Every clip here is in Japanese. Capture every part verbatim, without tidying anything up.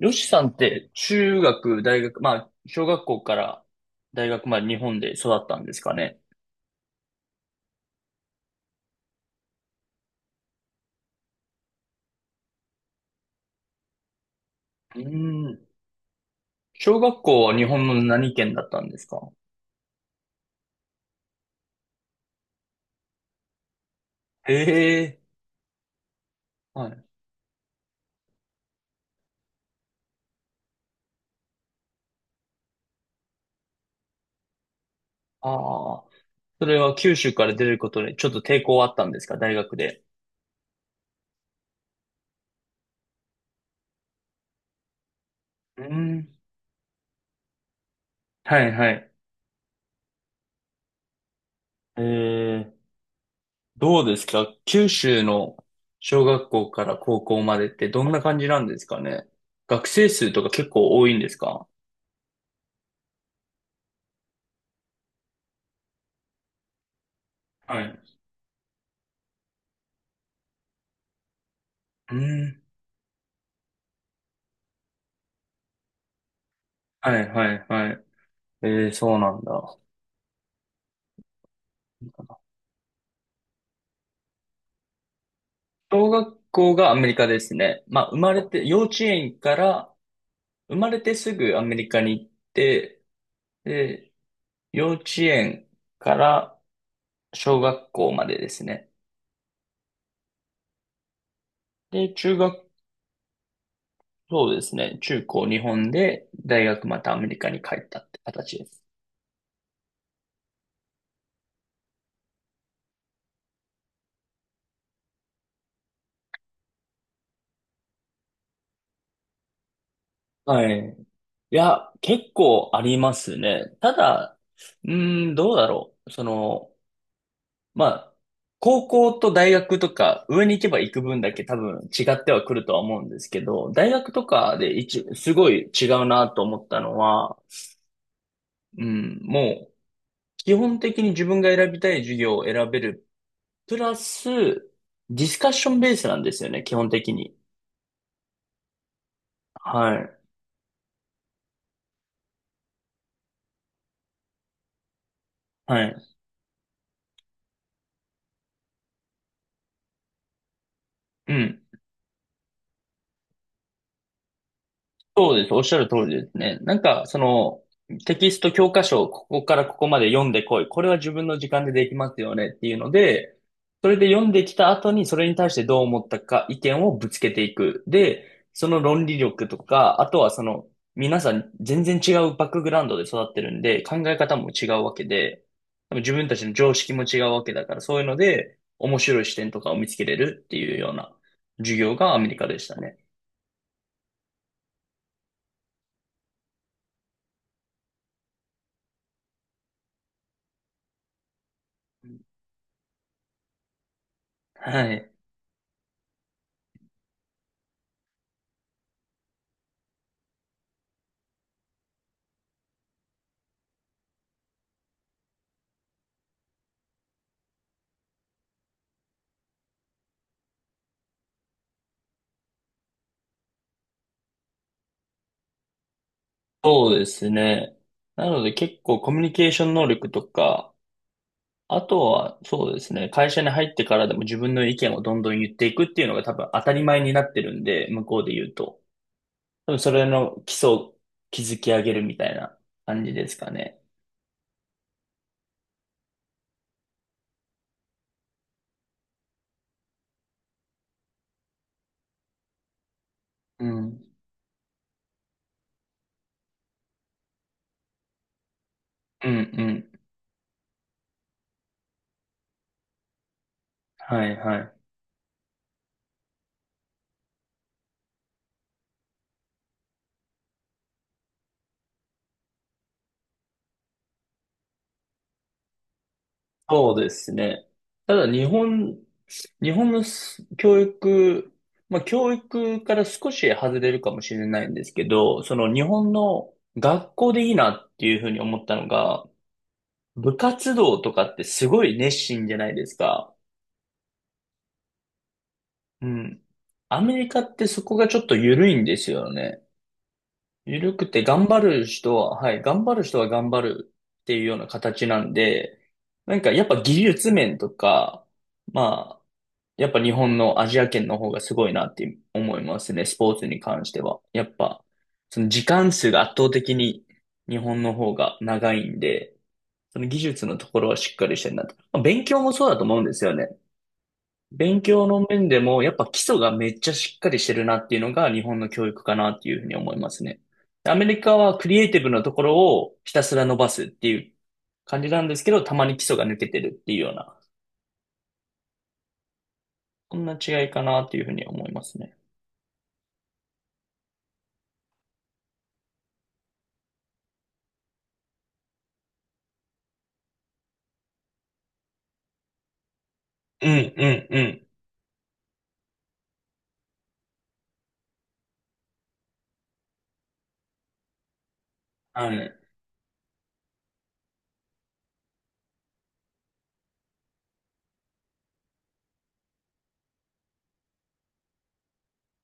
よしさんって中学、大学、まあ、小学校から大学まで日本で育ったんですかね。うーん。小学校は日本の何県だったんですか？へえ。はい。ああ。それは九州から出ることでちょっと抵抗あったんですか、大学で。うーん。はいはい。ええ。どうですか、九州の小学校から高校までってどんな感じなんですかね。学生数とか結構多いんですか？はい。うーん。はいはいはい。ええ、そうなんだ。小学校がアメリカですね。まあ、生まれて、幼稚園から、生まれてすぐアメリカに行って、で、幼稚園から小学校までですね。で、中学、そうですね。中高日本で、大学またアメリカに帰ったって形です。はい。いや、結構ありますね。ただ、うーん、どうだろう。その、まあ、高校と大学とか、上に行けば行く分だけ多分違ってはくるとは思うんですけど、大学とかで一、すごい違うなと思ったのは、うん、もう、基本的に自分が選びたい授業を選べる。プラス、ディスカッションベースなんですよね、基本的に。はい。はい。うん。そうです。おっしゃる通りですね。なんか、その、テキスト教科書、ここからここまで読んでこい。これは自分の時間でできますよねっていうので、それで読んできた後に、それに対してどう思ったか、意見をぶつけていく。で、その論理力とか、あとはその、皆さん全然違うバックグラウンドで育ってるんで、考え方も違うわけで、多分自分たちの常識も違うわけだから、そういうので、面白い視点とかを見つけれるっていうような授業がアメリカでしたね。はい。そうですね。なので結構コミュニケーション能力とか、あとはそうですね、会社に入ってからでも自分の意見をどんどん言っていくっていうのが多分当たり前になってるんで、向こうで言うと。多分それの基礎を築き上げるみたいな感じですかね。うん。うんうん。はいはい。そうですね。ただ日本、日本のす教育、まあ教育から少し外れるかもしれないんですけど、その日本の学校でいいなっていうふうに思ったのが、部活動とかってすごい熱心じゃないですか。うん。アメリカってそこがちょっと緩いんですよね。緩くて頑張る人は、はい、頑張る人は頑張るっていうような形なんで、なんかやっぱ技術面とか、まあ、やっぱ日本のアジア圏の方がすごいなって思いますね、スポーツに関しては。やっぱ、その時間数が圧倒的に日本の方が長いんで、その技術のところはしっかりしてるなと。まあ勉強もそうだと思うんですよね。勉強の面でも、やっぱ基礎がめっちゃしっかりしてるなっていうのが日本の教育かなっていうふうに思いますね。アメリカはクリエイティブなところをひたすら伸ばすっていう感じなんですけど、たまに基礎が抜けてるっていうような、こんな違いかなっていうふうに思いますね。うん、うん、うん。はい。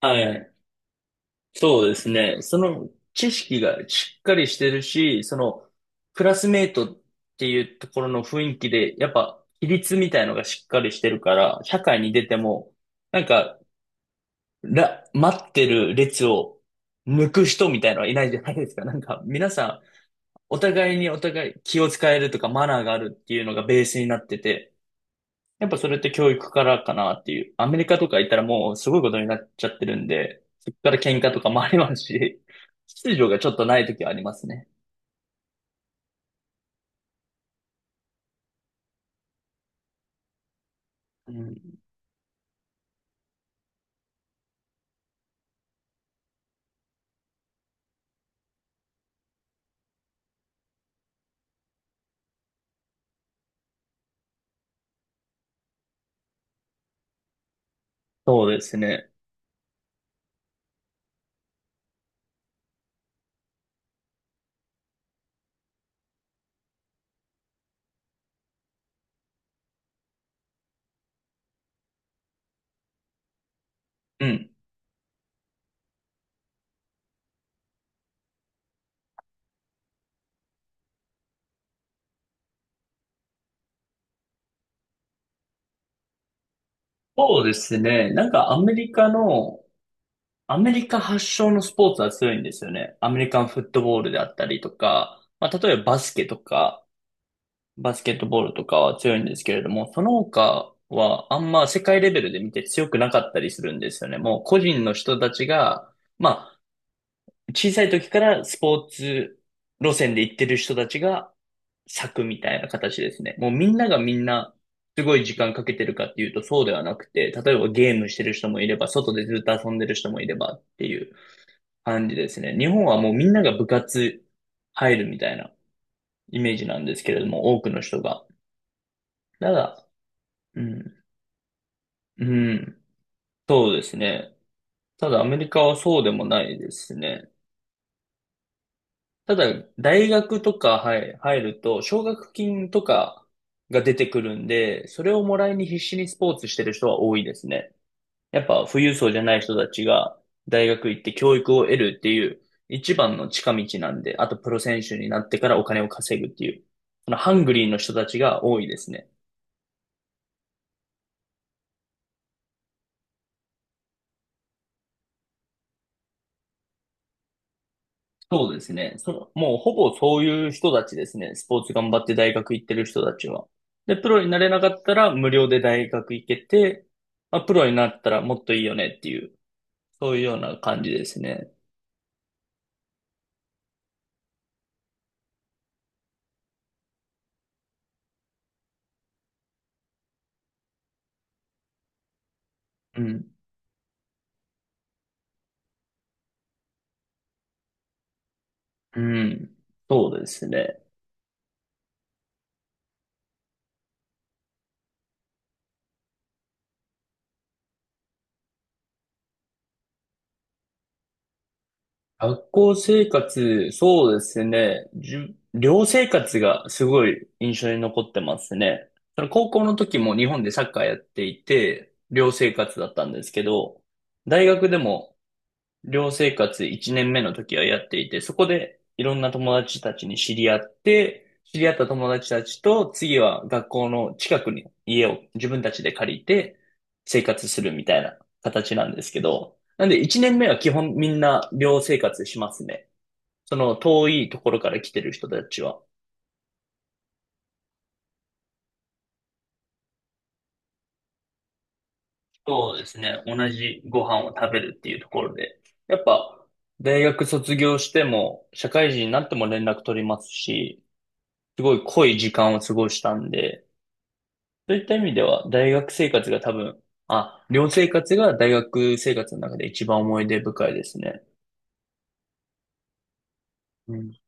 はい。そうですね。その知識がしっかりしてるし、そのクラスメイトっていうところの雰囲気で、やっぱ比率みたいのがしっかりしてるから、社会に出ても、なんから、待ってる列を抜く人みたいのはいないじゃないですか。なんか、皆さん、お互いにお互い気を使えるとかマナーがあるっていうのがベースになってて、やっぱそれって教育からかなっていう。アメリカとか行ったらもうすごいことになっちゃってるんで、そこから喧嘩とかもありますし、秩序がちょっとない時はありますね。うん。そうですね。うん。そうですね。なんかアメリカの、アメリカ発祥のスポーツは強いんですよね。アメリカンフットボールであったりとか、まあ、例えばバスケとか、バスケットボールとかは強いんですけれども、その他はあんま世界レベルで見て強くなかったりするんですよね。もう個人の人たちが、まあ、小さい時からスポーツ路線で行ってる人たちが咲くみたいな形ですね。もうみんながみんな、すごい時間かけてるかっていうとそうではなくて、例えばゲームしてる人もいれば、外でずっと遊んでる人もいればっていう感じですね。日本はもうみんなが部活入るみたいなイメージなんですけれども、多くの人が。ただ、うん、うん、そうですね。ただアメリカはそうでもないですね。ただ、大学とか、はい、入ると、奨学金とかが出てくるんで、それをもらいに必死にスポーツしてる人は多いですね。やっぱ富裕層じゃない人たちが大学行って教育を得るっていう一番の近道なんで、あとプロ選手になってからお金を稼ぐっていう、そのハングリーの人たちが多いですね。そうですね。その、もうほぼそういう人たちですね。スポーツ頑張って大学行ってる人たちは。で、プロになれなかったら無料で大学行けて、まあ、プロになったらもっといいよねっていう、そういうような感じですね。うん。うん。そうですね。学校生活、そうですね。じゅ寮生活がすごい印象に残ってますね。その高校の時も日本でサッカーやっていて、寮生活だったんですけど、大学でも寮生活いちねんめの時はやっていて、そこでいろんな友達たちに知り合って、知り合った友達たちと次は学校の近くに家を自分たちで借りて生活するみたいな形なんですけど、なんでいちねんめは基本みんな寮生活しますね。その遠いところから来てる人たちは。そうですね。同じご飯を食べるっていうところで。やっぱ大学卒業しても社会人になっても連絡取りますし、すごい濃い時間を過ごしたんで、そういった意味では大学生活が多分、あ、寮生活が大学生活の中で一番思い出深いですね。うん